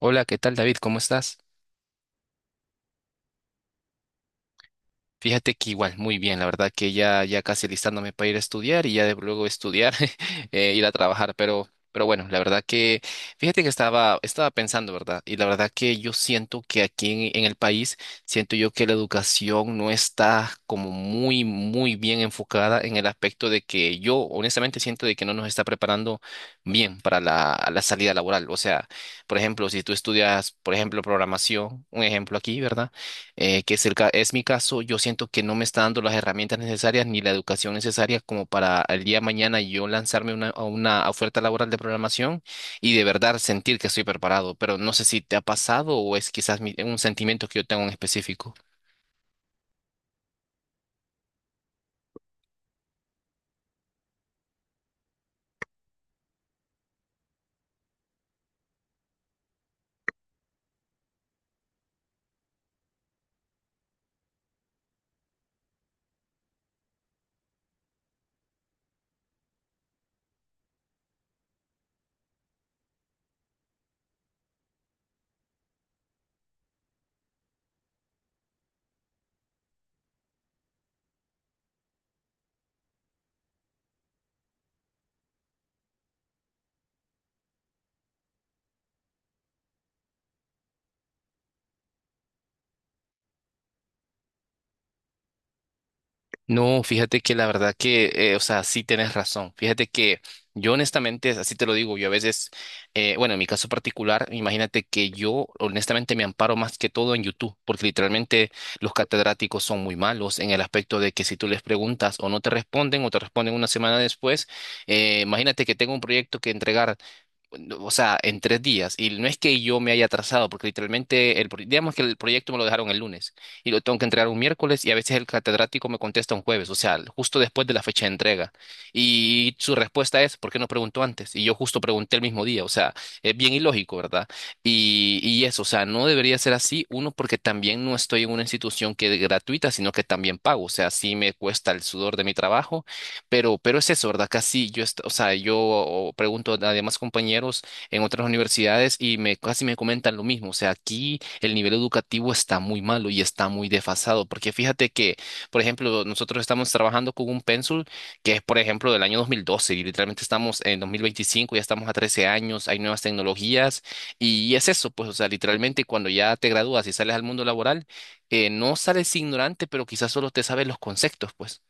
Hola, ¿qué tal, David? ¿Cómo estás? Fíjate que igual, muy bien, la verdad que ya casi listándome para ir a estudiar y ya de luego estudiar, ir a trabajar, pero bueno, la verdad que, fíjate que estaba pensando, ¿verdad? Y la verdad que yo siento que aquí en el país, siento yo que la educación no está como muy bien enfocada en el aspecto de que yo honestamente siento de que no nos está preparando bien para la salida laboral. O sea, por ejemplo, si tú estudias, por ejemplo, programación, un ejemplo aquí, ¿verdad? Que es, es mi caso, yo siento que no me está dando las herramientas necesarias ni la educación necesaria como para el día de mañana yo lanzarme a una oferta laboral de programación y de verdad sentir que estoy preparado, pero no sé si te ha pasado o es quizás un sentimiento que yo tengo en específico. No, fíjate que la verdad que, o sea, sí tienes razón. Fíjate que yo honestamente, así te lo digo, yo a veces, bueno, en mi caso particular, imagínate que yo honestamente me amparo más que todo en YouTube, porque literalmente los catedráticos son muy malos en el aspecto de que si tú les preguntas o no te responden o te responden una semana después, imagínate que tengo un proyecto que entregar no, o sea, en tres días. Y no es que yo me haya atrasado, porque literalmente, digamos que el proyecto me lo dejaron el lunes y lo tengo que entregar un miércoles y a veces el catedrático me contesta un jueves, o sea, justo después de la fecha de entrega. Y su respuesta es, ¿por qué no preguntó antes? Y yo justo pregunté el mismo día, o sea, es bien ilógico, ¿verdad? Y eso, o sea, no debería ser así, uno, porque también no estoy en una institución que es gratuita, sino que también pago, o sea, sí me cuesta el sudor de mi trabajo, pero es eso, ¿verdad? Casi yo, o sea, yo pregunto a demás compañeros en otras universidades y me, casi me comentan lo mismo. O sea, aquí el nivel educativo está muy malo y está muy desfasado, porque fíjate que, por ejemplo, nosotros estamos trabajando con un pénsul que es, por ejemplo, del año 2012 y literalmente estamos en 2025, ya estamos a 13 años, hay nuevas tecnologías y es eso, pues, o sea, literalmente cuando ya te gradúas y sales al mundo laboral, no sales ignorante, pero quizás solo te sabes los conceptos, pues.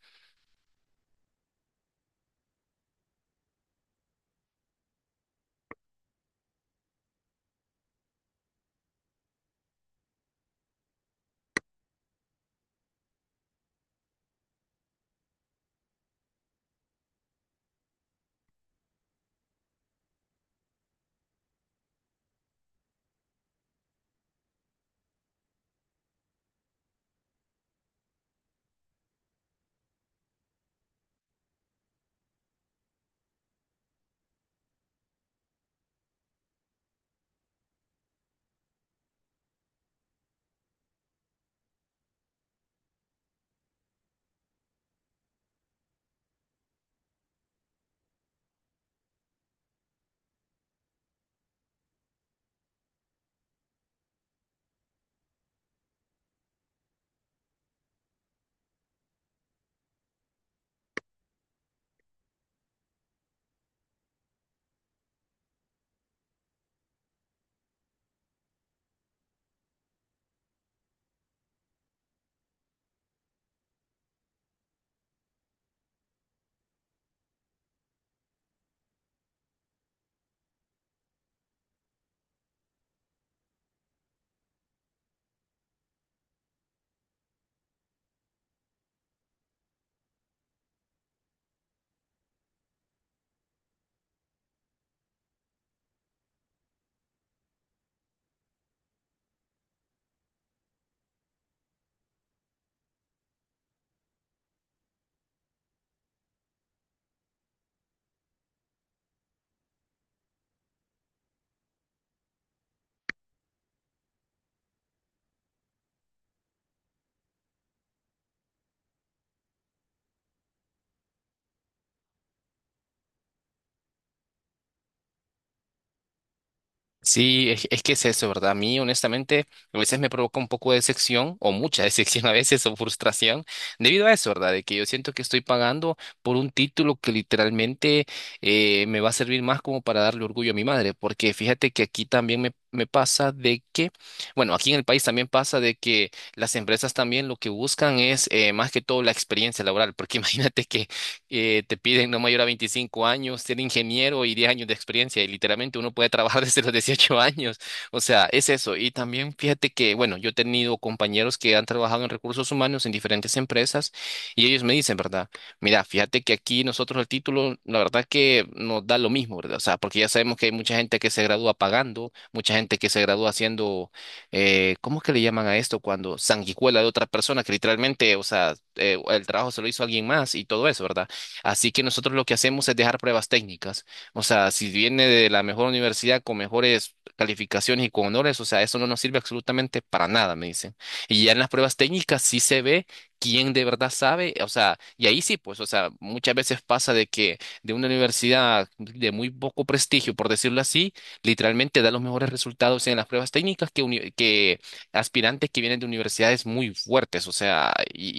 Sí, es que es eso, ¿verdad? A mí, honestamente, a veces me provoca un poco de decepción, o mucha decepción a veces, o frustración, debido a eso, ¿verdad? De que yo siento que estoy pagando por un título que literalmente me va a servir más como para darle orgullo a mi madre, porque fíjate que aquí también me pasa de que, bueno, aquí en el país también pasa de que las empresas también lo que buscan es más que todo la experiencia laboral, porque imagínate que te piden no mayor a 25 años, ser ingeniero y 10 años de experiencia, y literalmente uno puede trabajar desde los 18 años. O sea, es eso. Y también fíjate que, bueno, yo he tenido compañeros que han trabajado en recursos humanos en diferentes empresas y ellos me dicen, ¿verdad? Mira, fíjate que aquí nosotros el título, la verdad que nos da lo mismo, ¿verdad? O sea, porque ya sabemos que hay mucha gente que se gradúa pagando, mucha gente que se gradúa haciendo, ¿cómo es que le llaman a esto? Cuando sanguijuela de otra persona, que literalmente, o sea, el trabajo se lo hizo alguien más y todo eso, ¿verdad? Así que nosotros lo que hacemos es dejar pruebas técnicas. O sea, si viene de la mejor universidad con mejores calificaciones y con honores, o sea, eso no nos sirve absolutamente para nada, me dicen. Y ya en las pruebas técnicas sí se ve quién de verdad sabe, o sea, y ahí sí, pues, o sea, muchas veces pasa de que de una universidad de muy poco prestigio, por decirlo así, literalmente da los mejores resultados en las pruebas técnicas que, que aspirantes que vienen de universidades muy fuertes, o sea,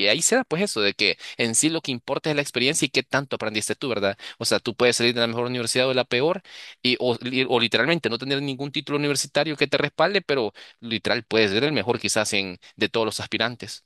y ahí se da pues eso de que en sí lo que importa es la experiencia y qué tanto aprendiste tú, ¿verdad? O sea, tú puedes salir de la mejor universidad o de la peor y, o, o literalmente no tener ningún título universitario que te respalde, pero literal puedes ser el mejor quizás en, de todos los aspirantes.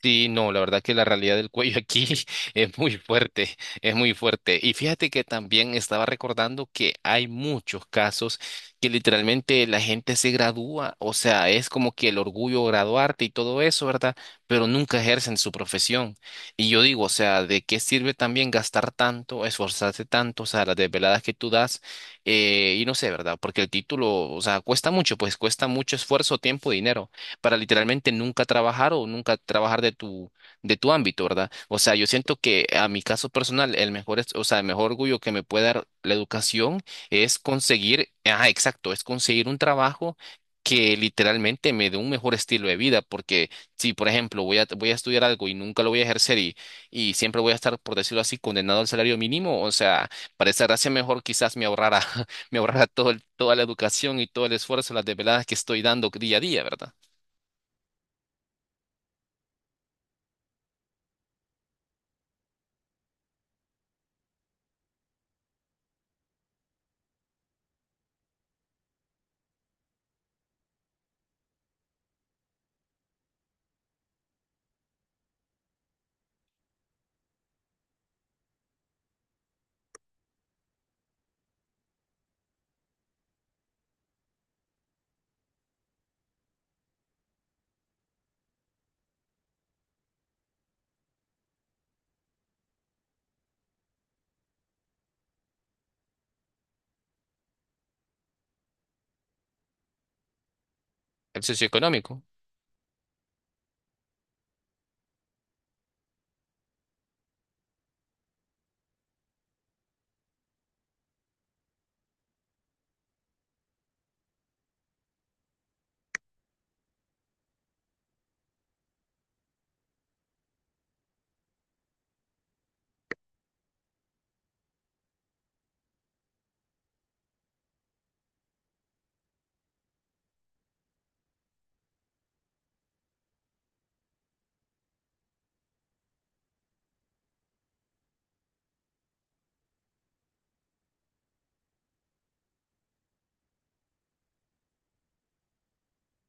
Sí, no, la verdad que la realidad del cuello aquí es muy fuerte, es muy fuerte. Y fíjate que también estaba recordando que hay muchos casos que literalmente la gente se gradúa, o sea, es como que el orgullo graduarte y todo eso, ¿verdad? Pero nunca ejercen su profesión. Y yo digo, o sea, ¿de qué sirve también gastar tanto, esforzarse tanto, o sea, las desveladas que tú das? Y no sé, ¿verdad? Porque el título, o sea, cuesta mucho, pues cuesta mucho esfuerzo, tiempo, dinero para literalmente nunca trabajar o nunca trabajar de de tu ámbito, ¿verdad? O sea, yo siento que a mi caso personal, el mejor, o sea, el mejor orgullo que me puede dar la educación es conseguir, ajá, exacto, es conseguir un trabajo que literalmente me dé un mejor estilo de vida, porque si, por ejemplo, voy a estudiar algo y nunca lo voy a ejercer y siempre voy a estar, por decirlo así, condenado al salario mínimo, o sea, para esa gracia mejor quizás me ahorrara, me ahorrara toda la educación y todo el esfuerzo, las desveladas que estoy dando día a día, ¿verdad? El socioeconómico.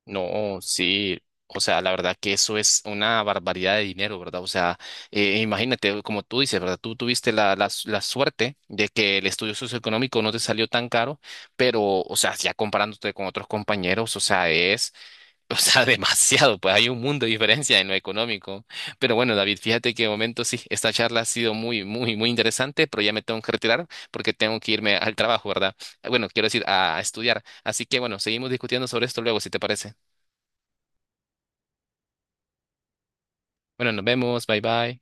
No, sí. O sea, la verdad que eso es una barbaridad de dinero, ¿verdad? O sea, imagínate, como tú dices, ¿verdad? Tú tuviste la suerte de que el estudio socioeconómico no te salió tan caro, pero, o sea, ya comparándote con otros compañeros, o sea, es... O sea, demasiado, pues hay un mundo de diferencia en lo económico. Pero bueno, David, fíjate que de momento sí, esta charla ha sido muy, muy, muy interesante, pero ya me tengo que retirar porque tengo que irme al trabajo, ¿verdad? Bueno, quiero decir, a estudiar. Así que bueno, seguimos discutiendo sobre esto luego, si te parece. Bueno, nos vemos, bye bye.